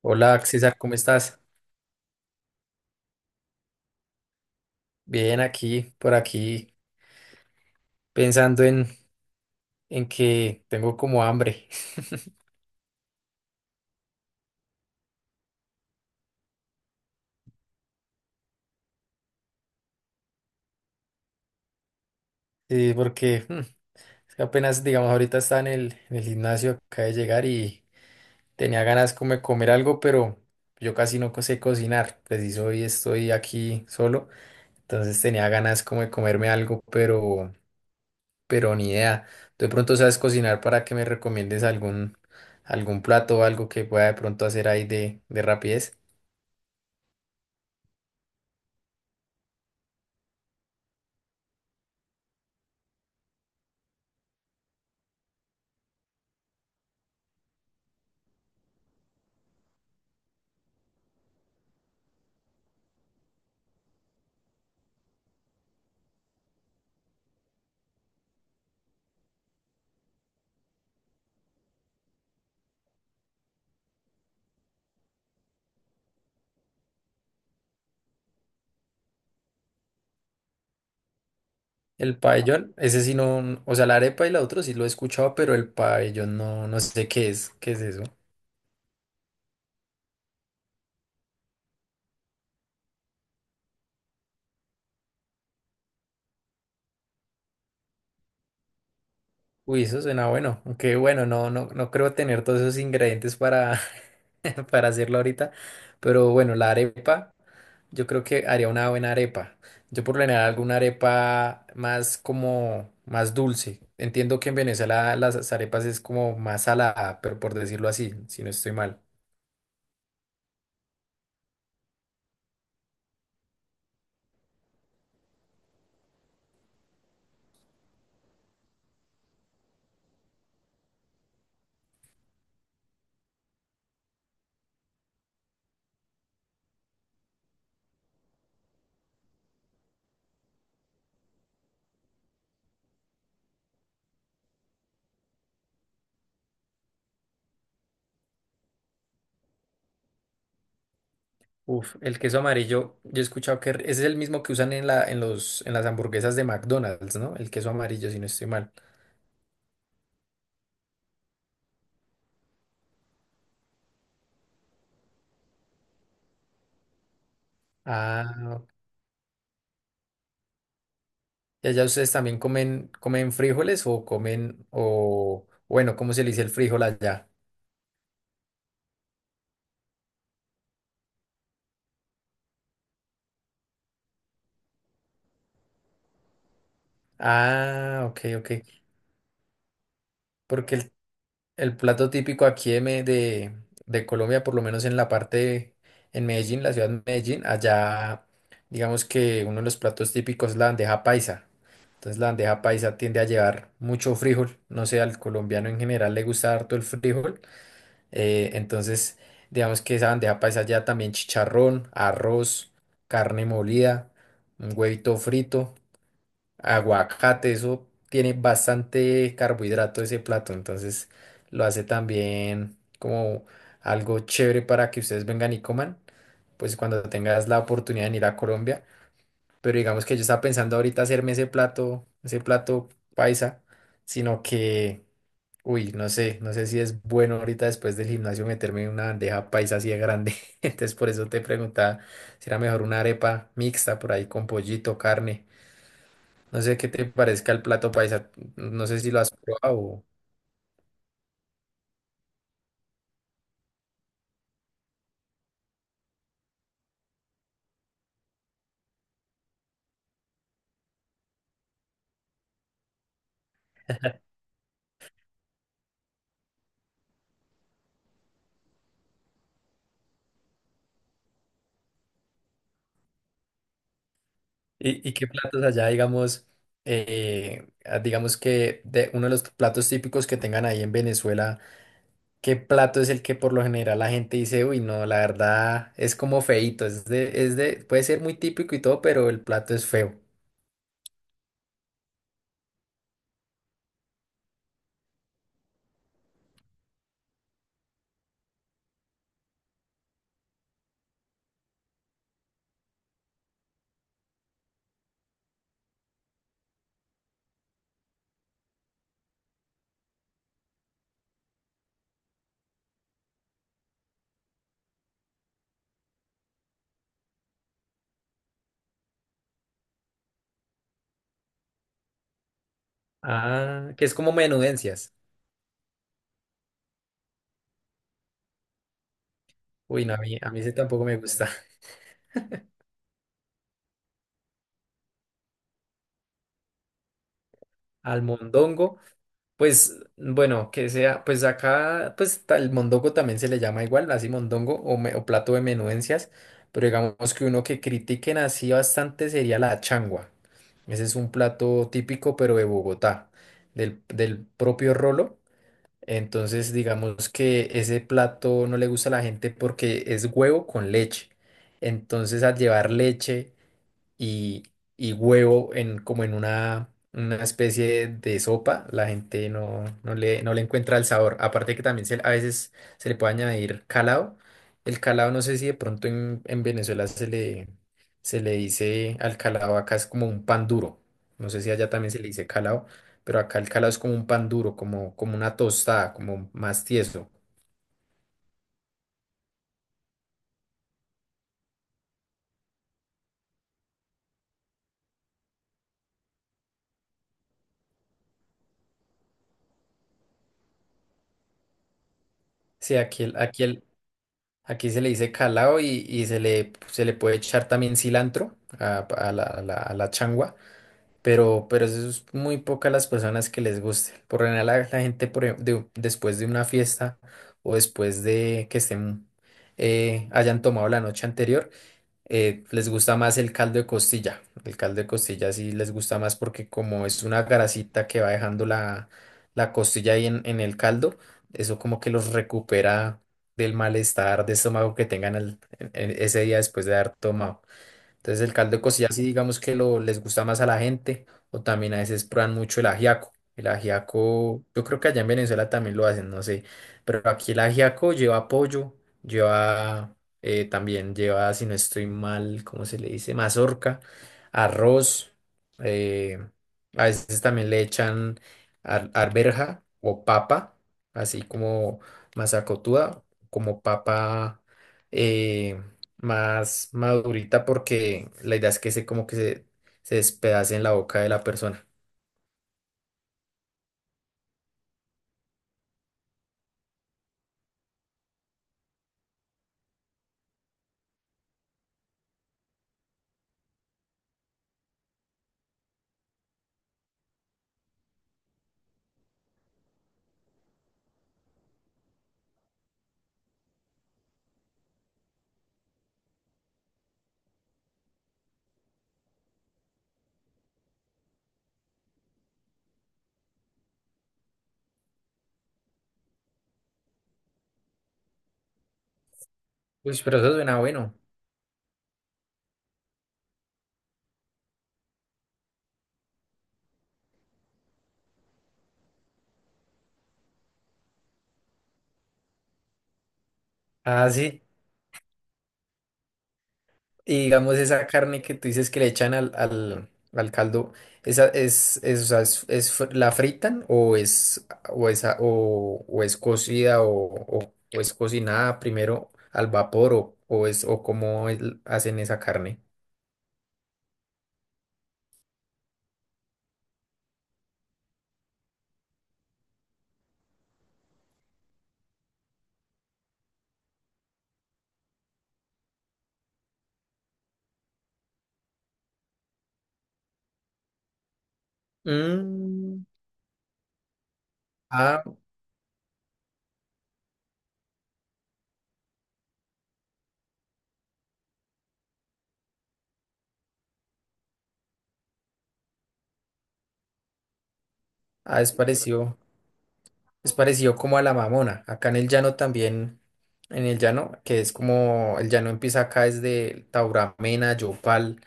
Hola, César, ¿cómo estás? Bien, aquí, por aquí, pensando en que tengo como hambre. Sí, porque es que apenas, digamos, ahorita estaba en el gimnasio, acabé de llegar y tenía ganas como de comer algo, pero yo casi no sé cocinar. Preciso hoy estoy aquí solo, entonces tenía ganas como de comerme algo, pero ni idea. ¿Tú de pronto sabes cocinar para que me recomiendes algún plato o algo que pueda de pronto hacer ahí de rapidez? El pabellón, ese sí no, o sea, la arepa y la otra sí lo he escuchado, pero el pabellón no, no sé qué es eso. Uy, eso suena bueno, aunque bueno, no, no, no creo tener todos esos ingredientes para, para hacerlo ahorita, pero bueno, la arepa, yo creo que haría una buena arepa. Yo por lo general alguna arepa más como, más dulce. Entiendo que en Venezuela las arepas es como más salada, pero por decirlo así, si no estoy mal. Uf, el queso amarillo, yo he escuchado que ese es el mismo que usan en la, en los, en las hamburguesas de McDonald's, ¿no? El queso amarillo, si no estoy mal. Ah, ok. ¿Y allá ustedes también comen frijoles o comen, o bueno, cómo se le dice el frijol allá? Ah, ok, ok. Porque el el plato típico aquí de Colombia, por lo menos en la parte, en Medellín, la ciudad de Medellín, allá digamos que uno de los platos típicos es la bandeja paisa. Entonces la bandeja paisa tiende a llevar mucho frijol. No sé, al colombiano en general le gusta harto el frijol. Entonces digamos que esa bandeja paisa ya también chicharrón, arroz, carne molida, un huevito frito, aguacate, eso tiene bastante carbohidrato ese plato, entonces lo hace también como algo chévere para que ustedes vengan y coman, pues cuando tengas la oportunidad de ir a Colombia, pero digamos que yo estaba pensando ahorita hacerme ese plato paisa, sino que, uy, no sé, si es bueno ahorita después del gimnasio meterme en una bandeja paisa así de grande. Entonces por eso te preguntaba si era mejor una arepa mixta por ahí con pollito, carne. No sé qué te parezca el plato paisa, no sé si lo has probado. ¿Y qué platos allá, digamos, digamos que de uno de los platos típicos que tengan ahí en Venezuela, qué plato es el que por lo general la gente dice, uy, no, la verdad es como feíto, puede ser muy típico y todo, pero el plato es feo. Ah, que es como menudencias. Uy, no, a mí ese tampoco me gusta. Almondongo. Pues bueno, que sea, pues acá, pues el mondongo también se le llama igual, así mondongo o plato de menudencias, pero digamos que uno que critiquen así bastante sería la changua. Ese es un plato típico, pero de Bogotá, del propio Rolo. Entonces, digamos que ese plato no le gusta a la gente porque es huevo con leche. Entonces, al llevar leche y, y huevo en, como en una especie de sopa, la gente no le encuentra el sabor. Aparte que también a veces se le puede añadir calado. El calado no sé si de pronto en Venezuela se le, dice al calado, acá es como un pan duro. No sé si allá también se le dice calado, pero acá el calado es como un pan duro, como una tostada, como más tieso. Sí, aquí se le dice calao y se le puede echar también cilantro a la changua, pero eso es muy pocas las personas que les guste. Por lo general, la gente después de una fiesta o después de que estén, hayan tomado la noche anterior, les gusta más el caldo de costilla. El caldo de costilla sí les gusta más porque como es una grasita que va dejando la costilla ahí en el caldo, eso como que los recupera del malestar de estómago que tengan en ese día después de haber tomado. Entonces el caldo de cocina sí digamos que lo, les gusta más a la gente o también a veces prueban mucho el ajiaco. El ajiaco, yo creo que allá en Venezuela también lo hacen, no sé, pero aquí el ajiaco lleva pollo, lleva también lleva, si no estoy mal, ¿cómo se le dice? Mazorca, arroz, eh, a veces también le echan arberja o papa, así como mazacotuda, como papa. eh, más madurita porque la idea es que se como que se despedace en la boca de la persona. Uy, pero eso suena bueno. Ah, sí. Y digamos esa carne que tú dices que le echan al caldo, esa es, o sea, la fritan, o es o es cocida, o, o es cocinada primero al vapor, o cómo hacen esa carne. Mm. Ah, ah, es parecido. Es parecido como a la Mamona. Acá en el llano también, en el llano, que es como, el llano empieza acá desde Tauramena, Yopal,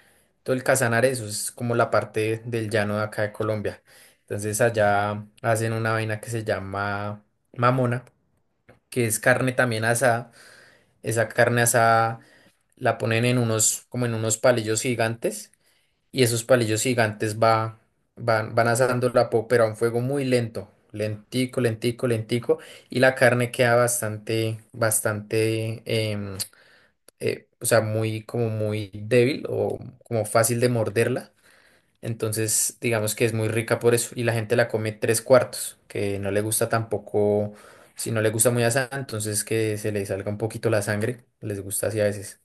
todo el Casanare, eso es como la parte del llano de acá de Colombia. Entonces allá hacen una vaina que se llama Mamona, que es carne también asada. Esa carne asada la ponen en unos, como en unos palillos gigantes y esos palillos gigantes van asando la pop, pero a un fuego muy lento, lentico, lentico, lentico, y la carne queda bastante, bastante, em, o sea, muy, como muy débil o como fácil de morderla. Entonces, digamos que es muy rica por eso, y la gente la come tres cuartos, que no le gusta tampoco, si no le gusta muy asada, entonces que se le salga un poquito la sangre, les gusta así a veces.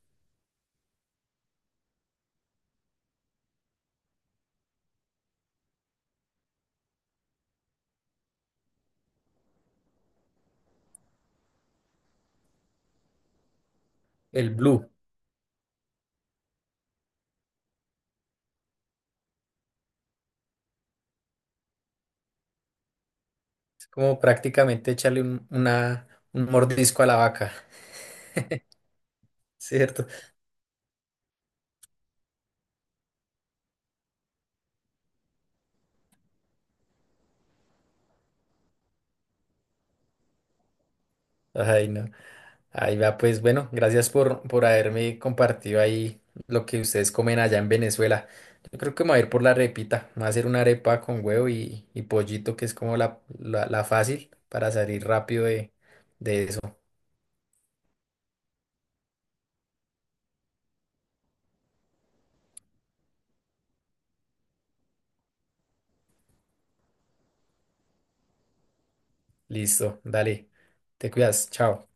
El blue. Como prácticamente echarle un, una, un mordisco a la vaca. ¿Cierto? Ay, no. Ahí va, pues bueno, gracias por haberme compartido ahí lo que ustedes comen allá en Venezuela. Yo creo que me voy a ir por la repita, me voy a hacer una arepa con huevo y pollito, que es como la fácil para salir rápido de eso. Listo, dale, te cuidas, chao.